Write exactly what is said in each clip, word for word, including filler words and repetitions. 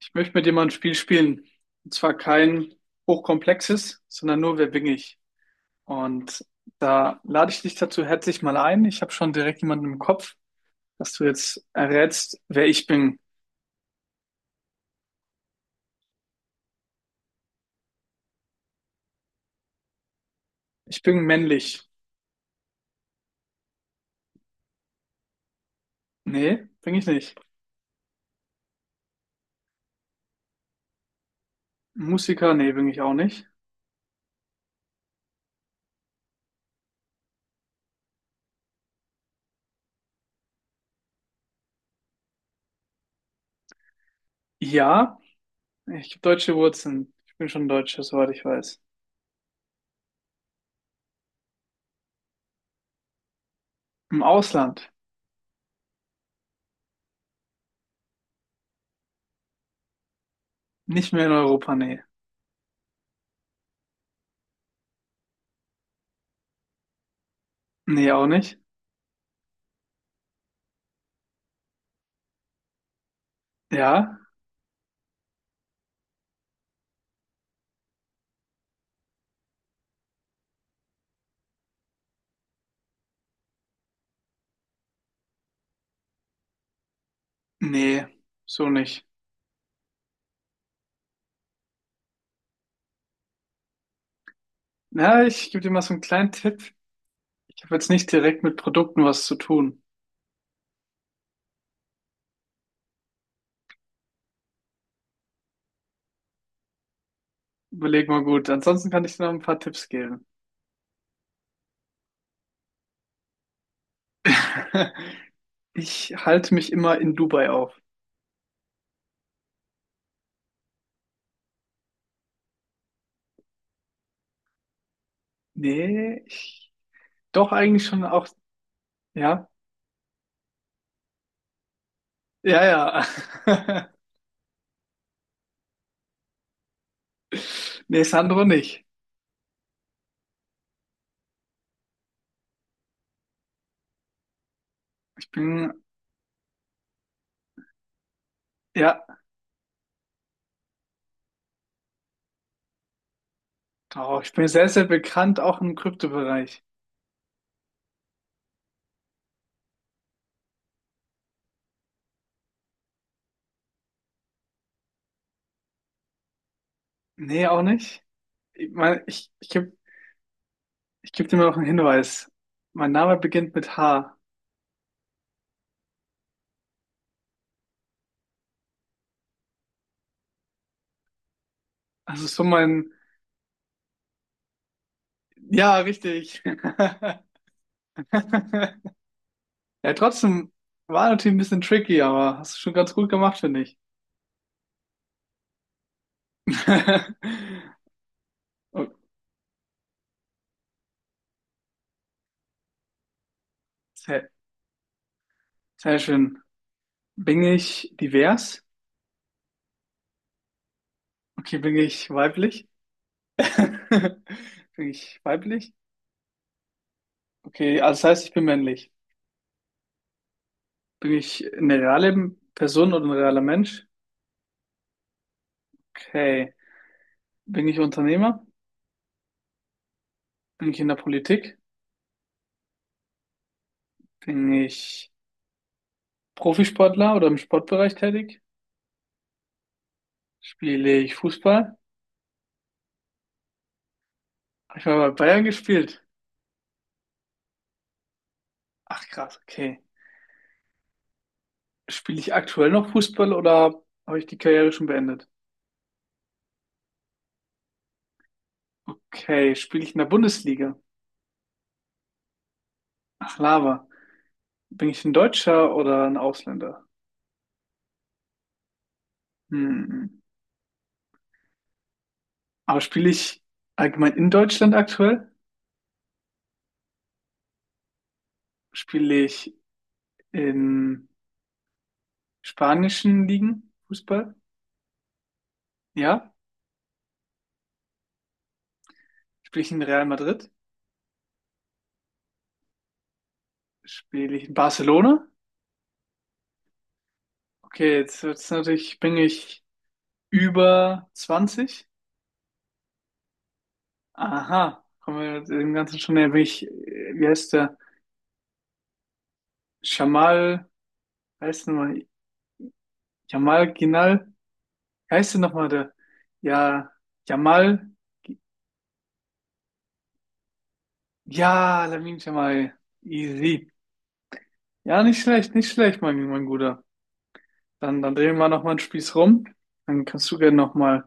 Ich möchte mit dir mal ein Spiel spielen. Und zwar kein hochkomplexes, sondern nur: Wer bin ich? Und da lade ich dich dazu herzlich mal ein. Ich habe schon direkt jemanden im Kopf, dass du jetzt errätst, wer ich bin. Ich bin männlich. Nee, bin ich nicht. Musiker, nee, bin ich auch nicht. Ja, ich habe deutsche Wurzeln. Ich bin schon Deutscher, soweit ich weiß. Im Ausland. Nicht mehr in Europa, nee. Nee, auch nicht. Ja, nee, so nicht. Na, ich gebe dir mal so einen kleinen Tipp. Ich habe jetzt nicht direkt mit Produkten was zu tun. Überleg mal gut. Ansonsten kann ich dir noch ein paar Tipps geben. Ich halte mich immer in Dubai auf. Nee, ich, doch eigentlich schon auch, ja, ja, ja. Nee, Sandro nicht. Ich bin, ja, doch, ich bin sehr, sehr bekannt, auch im Kryptobereich. Nee, auch nicht. Ich meine, ich, ich gebe ich geb dir mal noch einen Hinweis. Mein Name beginnt mit H. Also so mein, ja, richtig. Ja, trotzdem war natürlich ein bisschen tricky, aber hast du schon ganz gut gemacht, finde ich. Oh, sehr, sehr schön. Bin ich divers? Okay, bin ich weiblich? Bin ich weiblich? Okay, also das heißt, ich bin männlich. Bin ich eine reale Person oder ein realer Mensch? Okay. Bin ich Unternehmer? Bin ich in der Politik? Bin ich Profisportler oder im Sportbereich tätig? Spiele ich Fußball? Habe ich mal bei Bayern gespielt? Ach krass, okay. Spiele ich aktuell noch Fußball oder habe ich die Karriere schon beendet? Okay, spiele ich in der Bundesliga? Ach, Lava. Bin ich ein Deutscher oder ein Ausländer? Hm. Aber spiele ich allgemein in Deutschland aktuell? Spiele ich in spanischen Ligen Fußball? Ja. Spiele ich in Real Madrid? Spiele ich in Barcelona? Okay, jetzt wird's natürlich, bin ich über zwanzig? Aha, kommen wir dem Ganzen schon näher. Bin ich, äh, wie heißt der? Jamal heißt nochmal Jamal Ginal. Wie heißt denn nochmal der? Ja, Jamal. Ja, Lamine Jamal. Easy. Ja, nicht schlecht, nicht schlecht, mein, mein Guter. Dann, dann drehen wir nochmal einen Spieß rum. Dann kannst du gerne nochmal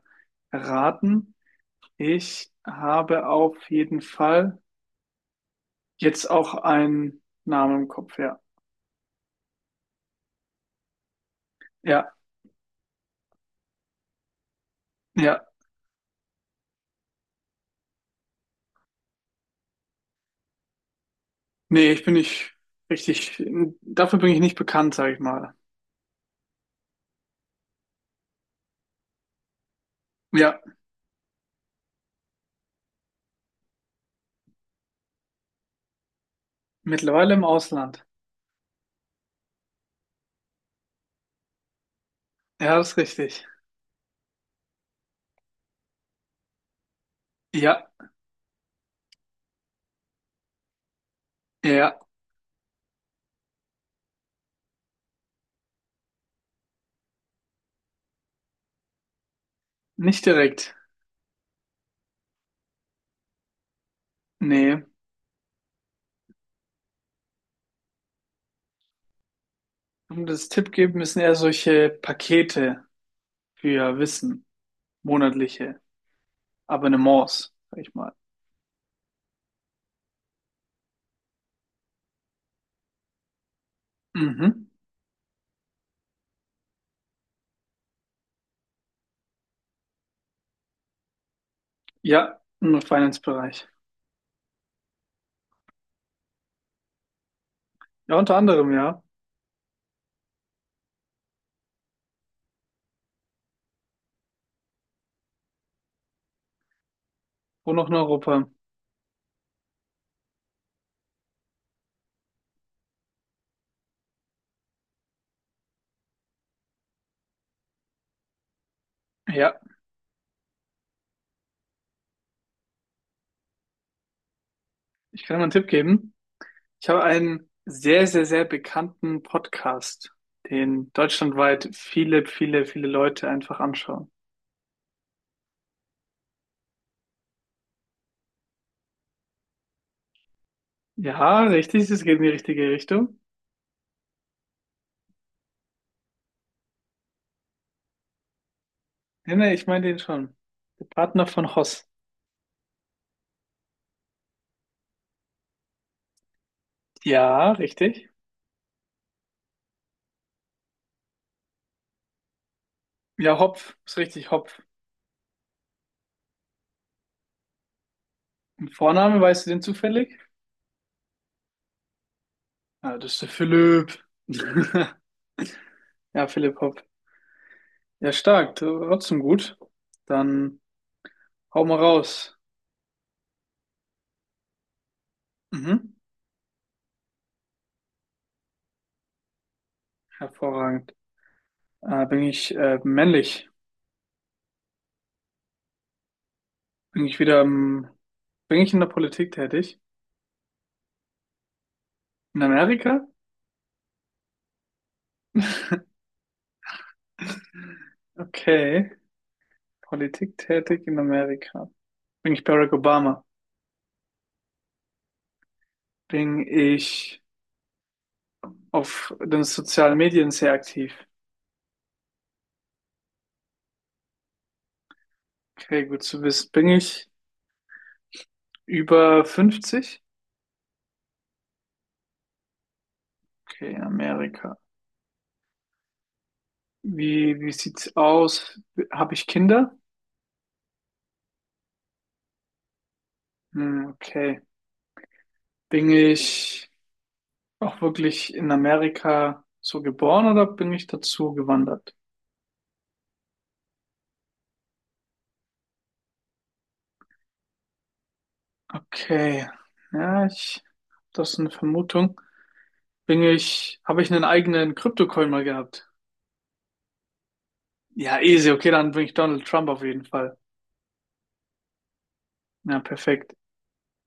raten. Ich habe auf jeden Fall jetzt auch einen Namen im Kopf, ja. Ja, ja. Nee, ich bin nicht richtig. Dafür bin ich nicht bekannt, sage ich mal. Ja, mittlerweile im Ausland. Ja, das ist richtig. Ja, ja. Nicht direkt. Nee. Um das Tipp geben müssen eher solche Pakete für Wissen, monatliche Abonnements, sag ich mal. Mhm. Ja, im Finance-Bereich. Ja, unter anderem, ja. Wo noch in Europa? Ja, ich kann dir mal einen Tipp geben. Ich habe einen sehr, sehr, sehr bekannten Podcast, den deutschlandweit viele, viele, viele Leute einfach anschauen. Ja, richtig, das geht in die richtige Richtung. Nee, nee, ich meine den schon. Der Partner von Hoss. Ja, richtig. Ja, Hopf, ist richtig, Hopf. Und Vorname, weißt du den zufällig? Ja, das ist der Philipp. Ja, Philipp Hopf. Ja, stark, trotzdem gut. Dann hau mal raus. Mhm. Hervorragend. Äh, bin ich äh, männlich? Bin ich wieder im, bin ich in der Politik tätig? In Amerika? Okay. Politik tätig in Amerika. Bin ich Barack Obama? Bin ich auf den sozialen Medien sehr aktiv? Okay, gut zu wissen. Bin ich über fünfzig? Okay, in Amerika. Wie, wie sieht's aus? Habe ich Kinder? Hm, okay. Bin ich auch wirklich in Amerika so geboren oder bin ich dazu gewandert? Okay. Ja, ich, das ist eine Vermutung. Bin ich, habe ich einen eigenen Kryptocoin mal gehabt? Ja, easy. Okay, dann bin ich Donald Trump auf jeden Fall. Ja, perfekt.